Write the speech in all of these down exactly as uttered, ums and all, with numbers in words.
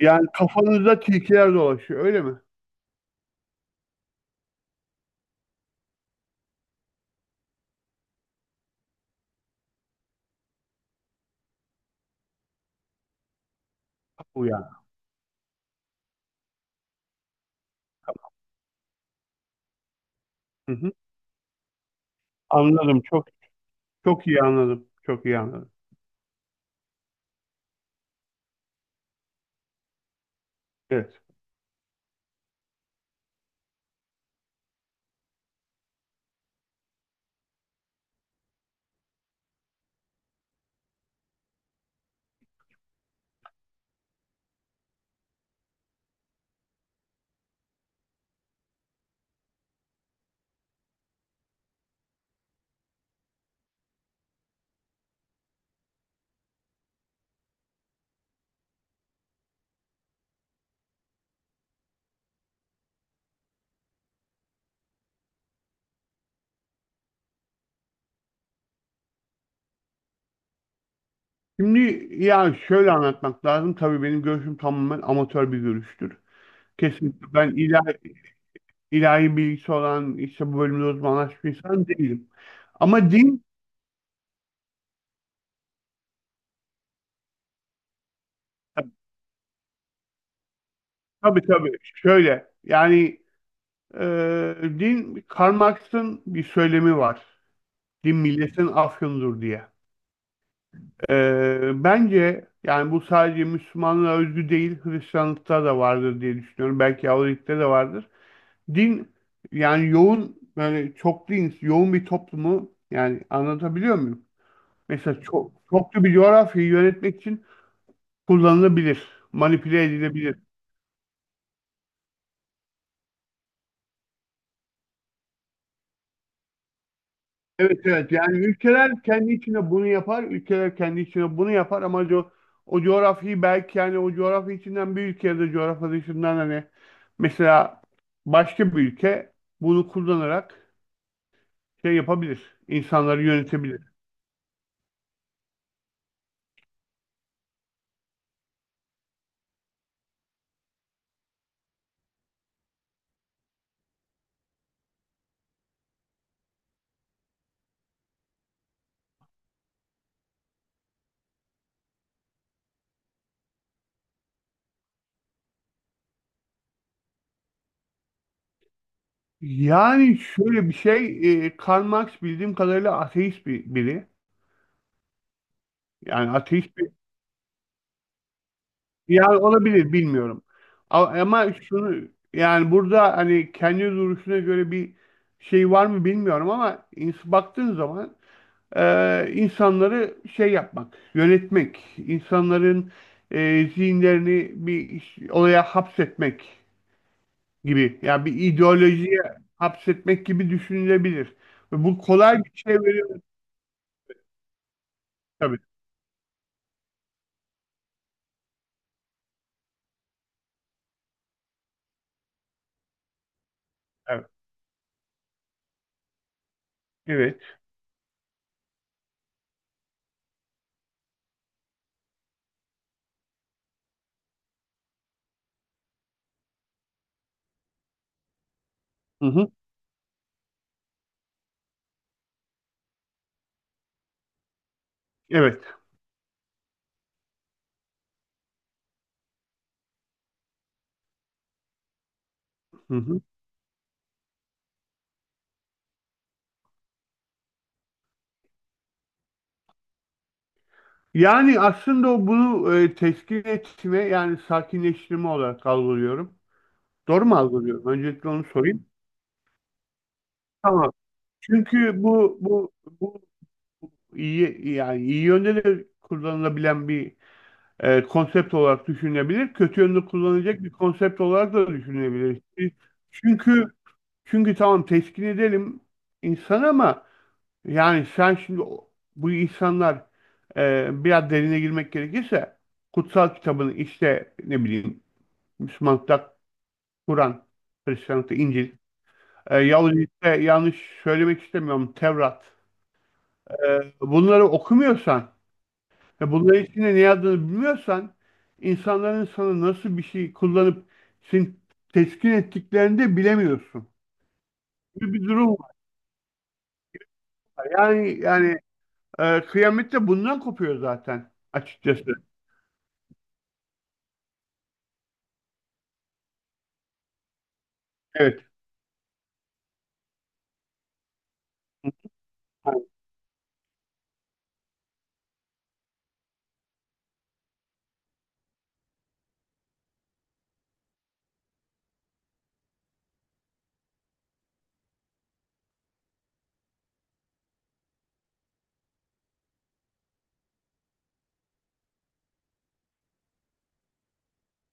Yani kafanızda tilkiler dolaşıyor öyle mi? Bu yani. Hı hı. Anladım çok çok iyi anladım. Çok iyi anladım. Evet. Şimdi yani şöyle anlatmak lazım. Tabii benim görüşüm tamamen amatör bir görüştür. Kesinlikle ben ilahi, ilahi bilgisi olan işte bu bölümde uzmanlaşmış bir insan değilim. Ama din tabii tabii şöyle yani e, din Karl Marx'ın bir söylemi var. Din milletin afyonudur diye. Ee, bence yani bu sadece Müslümanlığa özgü değil, Hristiyanlıkta da vardır diye düşünüyorum. Belki Yahudilikte de vardır. Din yani yoğun böyle çok din, yoğun bir toplumu yani anlatabiliyor muyum? Mesela çok çoklu bir coğrafyayı yönetmek için kullanılabilir, manipüle edilebilir. Evet evet yani ülkeler kendi içinde bunu yapar, ülkeler kendi içinde bunu yapar ama co- o coğrafyayı belki yani o coğrafya içinden bir ülke ya da coğrafya dışından hani mesela başka bir ülke bunu kullanarak şey yapabilir, insanları yönetebilir. Yani şöyle bir şey, e, Karl Marx bildiğim kadarıyla ateist bir biri. Yani ateist bir Ya olabilir bilmiyorum. A- Ama şunu yani burada hani kendi duruşuna göre bir şey var mı bilmiyorum ama ins- baktığın zaman e, insanları şey yapmak, yönetmek, insanların e, zihinlerini bir iş- olaya hapsetmek gibi yani bir ideolojiye hapsetmek gibi düşünülebilir. Ve bu kolay bir şey veriyor tabii. Evet. Evet. Hı hı. Evet. Hı hı. Yani aslında o bunu e, teskin etme yani sakinleştirme olarak algılıyorum. Doğru mu algılıyorum? Öncelikle onu sorayım. Tamam. Çünkü bu bu bu iyi yani iyi yönde de kullanılabilen bir e, konsept olarak düşünülebilir. Kötü yönde kullanılacak bir konsept olarak da düşünülebilir. Çünkü çünkü tamam teskin edelim insan ama yani sen şimdi o- bu insanlar e, biraz derine girmek gerekirse kutsal kitabını işte ne bileyim Müslümanlıkta Kur'an, Hristiyanlıkta İncil, e, Yahudilikte yanlış söylemek istemiyorum Tevrat. E, bunları okumuyorsan ve bunların içinde ne yazdığını bilmiyorsan insanların sana nasıl bir şey kullanıp seni teskin ettiklerini de bilemiyorsun. Böyle bir durum var. Yani yani e, kıyamet de bundan kopuyor zaten açıkçası. Evet.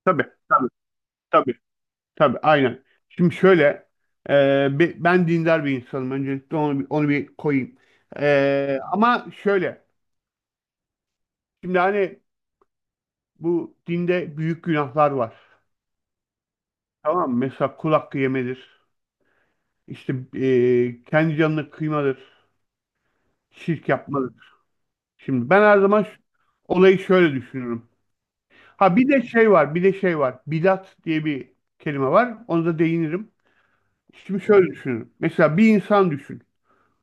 Tabii, tabii, tabii, tabii, aynen. Şimdi şöyle, e, bi- ben dindar bir insanım. Öncelikle onu, bir- onu bir koyayım. E, ama şöyle, şimdi hani bu dinde büyük günahlar var. Tamam mı? Mesela kul hakkı yemedir. İşte e, kendi canını kıymadır. Şirk yapmadır. Şimdi ben her zaman ş- olayı şöyle düşünüyorum. Ha bir de şey var, bir de şey var. Bidat diye bir kelime var. Onu da değinirim. Şimdi şöyle düşünüyorum. Mesela bir insan düşün.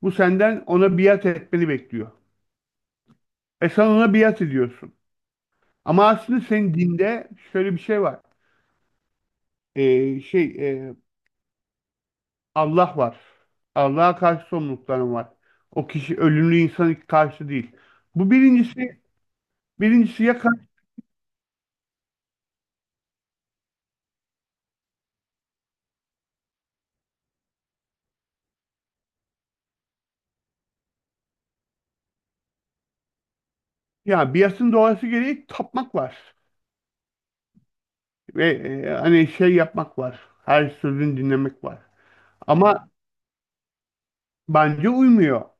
Bu senden ona biat etmeni bekliyor. E sen ona biat ediyorsun. Ama aslında senin dinde şöyle bir şey var. E, şey e, Allah var. Allah'a karşı sorumlulukların var. O kişi ölümlü insana karşı değil. Bu birincisi, birincisi ya karşı, ya biatın doğası gereği tapmak var. Ve e, hani şey yapmak var. Her sözünü dinlemek var. Ama bence uymuyor.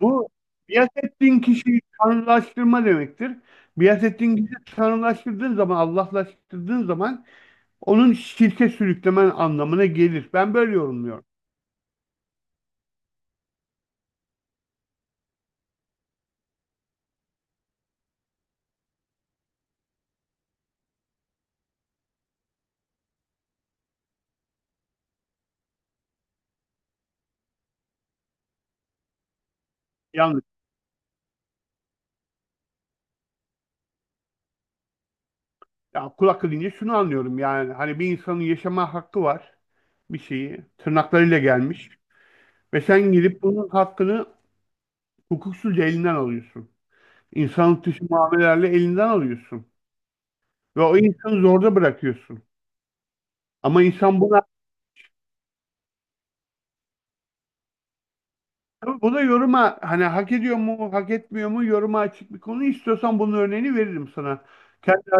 Bu biat ettiğin kişiyi tanrılaştırma demektir. Biat ettiğin kişiyi tanrılaştırdığın zaman, Allahlaştırdığın zaman onun şirke sürüklemen anlamına gelir. Ben böyle yorumluyorum. Yanlış. Ya kulak edince şunu anlıyorum yani hani bir insanın yaşama hakkı var, bir şeyi tırnaklarıyla gelmiş ve sen gidip bunun hakkını hukuksuzca elinden alıyorsun. İnsanlık dışı muamelelerle elinden alıyorsun ve o insanı zorda bırakıyorsun. Ama insan buna tabii bu da yoruma hani hak ediyor mu, hak etmiyor mu yoruma açık bir konu. İstiyorsan bunun örneğini veririm sana. Kendi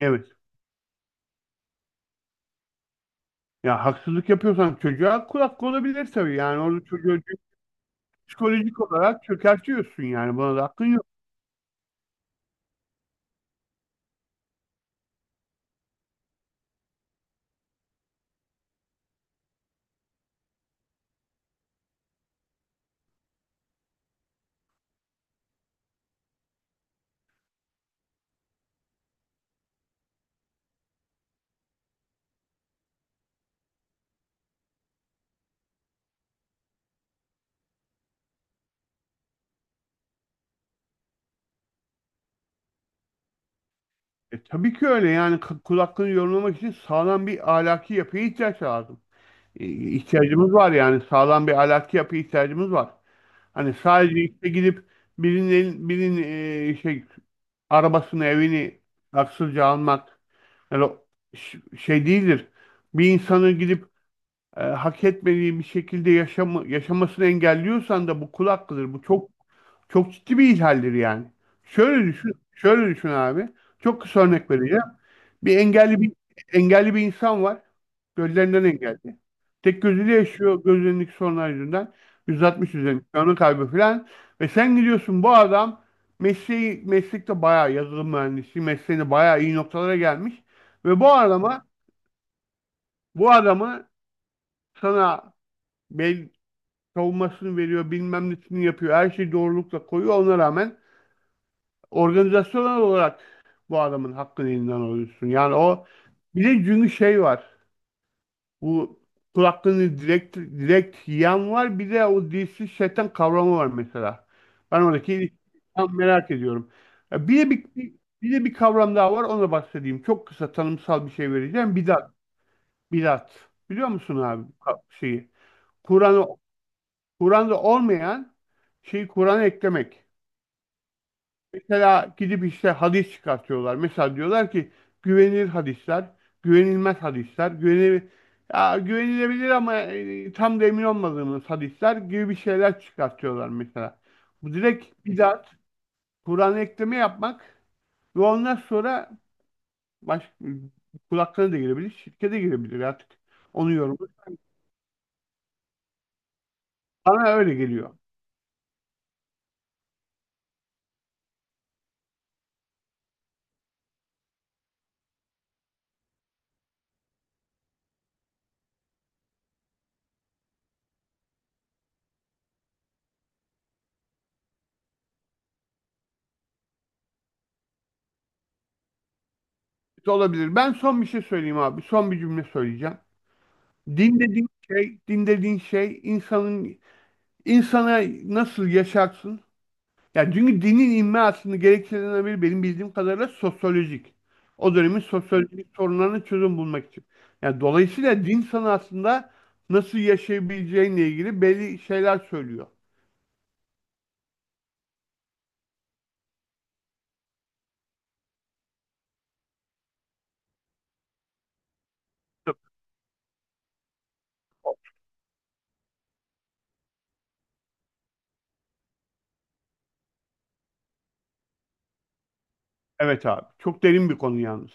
evet. Ya haksızlık yapıyorsan çocuğa kulak hakkı olabilir tabii. Yani orada çocuğu psikolojik olarak çökertiyorsun yani. Buna da hakkın yok. E, tabii ki öyle yani k- kul hakkını yorumlamak için sağlam bir ahlaki yapıya ihtiyaç lazım. E, ihtiyacımız var yani sağlam bir ahlaki yapıya ihtiyacımız var. Hani sadece işte gidip birinin birinin e, şey arabasını evini haksızca almak yani o ş- şey değildir. Bir insanın gidip e, hak etmediği bir şekilde yaşamı, yaşamasını engelliyorsan da bu kul hakkıdır. Bu çok çok ciddi bir ihlaldir yani. Şöyle düşün, şöyle düşün abi. Çok kısa örnek vereceğim. Bir engelli bir engelli bir insan var. Gözlerinden engelli. Tek gözüyle yaşıyor gözlerindeki sorunlar yüzünden. yüz altmış üzerinde görme kaybı falan. Ve sen gidiyorsun bu adam mesleği meslekte bayağı yazılım mühendisi mesleğinde bayağı iyi noktalara gelmiş. Ve bu adama bu adamı sana bel savunmasını veriyor, bilmem nesini yapıyor. Her şeyi doğrulukla koyuyor. Ona rağmen organizasyonel olarak bu adamın hakkını elinden alıyorsun. Yani o bir de çünkü şey var. Bu kulaklığını direkt direkt yiyen var. Bir de o dilsiz şeytan kavramı var mesela. Ben oradaki ilişkiyi tam merak ediyorum. Ya bir de bir, bir, bir de bir kavram daha var. Ona bahsedeyim. Çok kısa tanımsal bir şey vereceğim. Bidat. Bidat. Biliyor musun abi bu ka- şeyi? Kur'an'ı Kur'an'da olmayan şeyi Kur'an'a eklemek. Mesela gidip işte hadis çıkartıyorlar. Mesela diyorlar ki güvenilir hadisler, güvenilmez hadisler, güvenilir, ya güvenilebilir ama e, tam da emin olmadığımız hadisler gibi bir şeyler çıkartıyorlar mesela. Bu direkt bidat, Kur'an'a ekleme yapmak ve ondan sonra baş, kulaklarına da girebilir, şirkete girebilir artık. Onu yorumu. Bana öyle geliyor. Olabilir. Ben son bir şey söyleyeyim abi. Son bir cümle söyleyeceğim. Din dediğin şey, din dediğin şey insanın insana nasıl yaşarsın? Yani çünkü dinin inme aslında gerekçelerinden biri benim bildiğim kadarıyla sosyolojik. O dönemin sosyolojik sorunlarına çözüm bulmak için. Yani dolayısıyla din sana aslında nasıl yaşayabileceğinle ilgili belli şeyler söylüyor. Evet abi. Çok derin bir konu yalnız.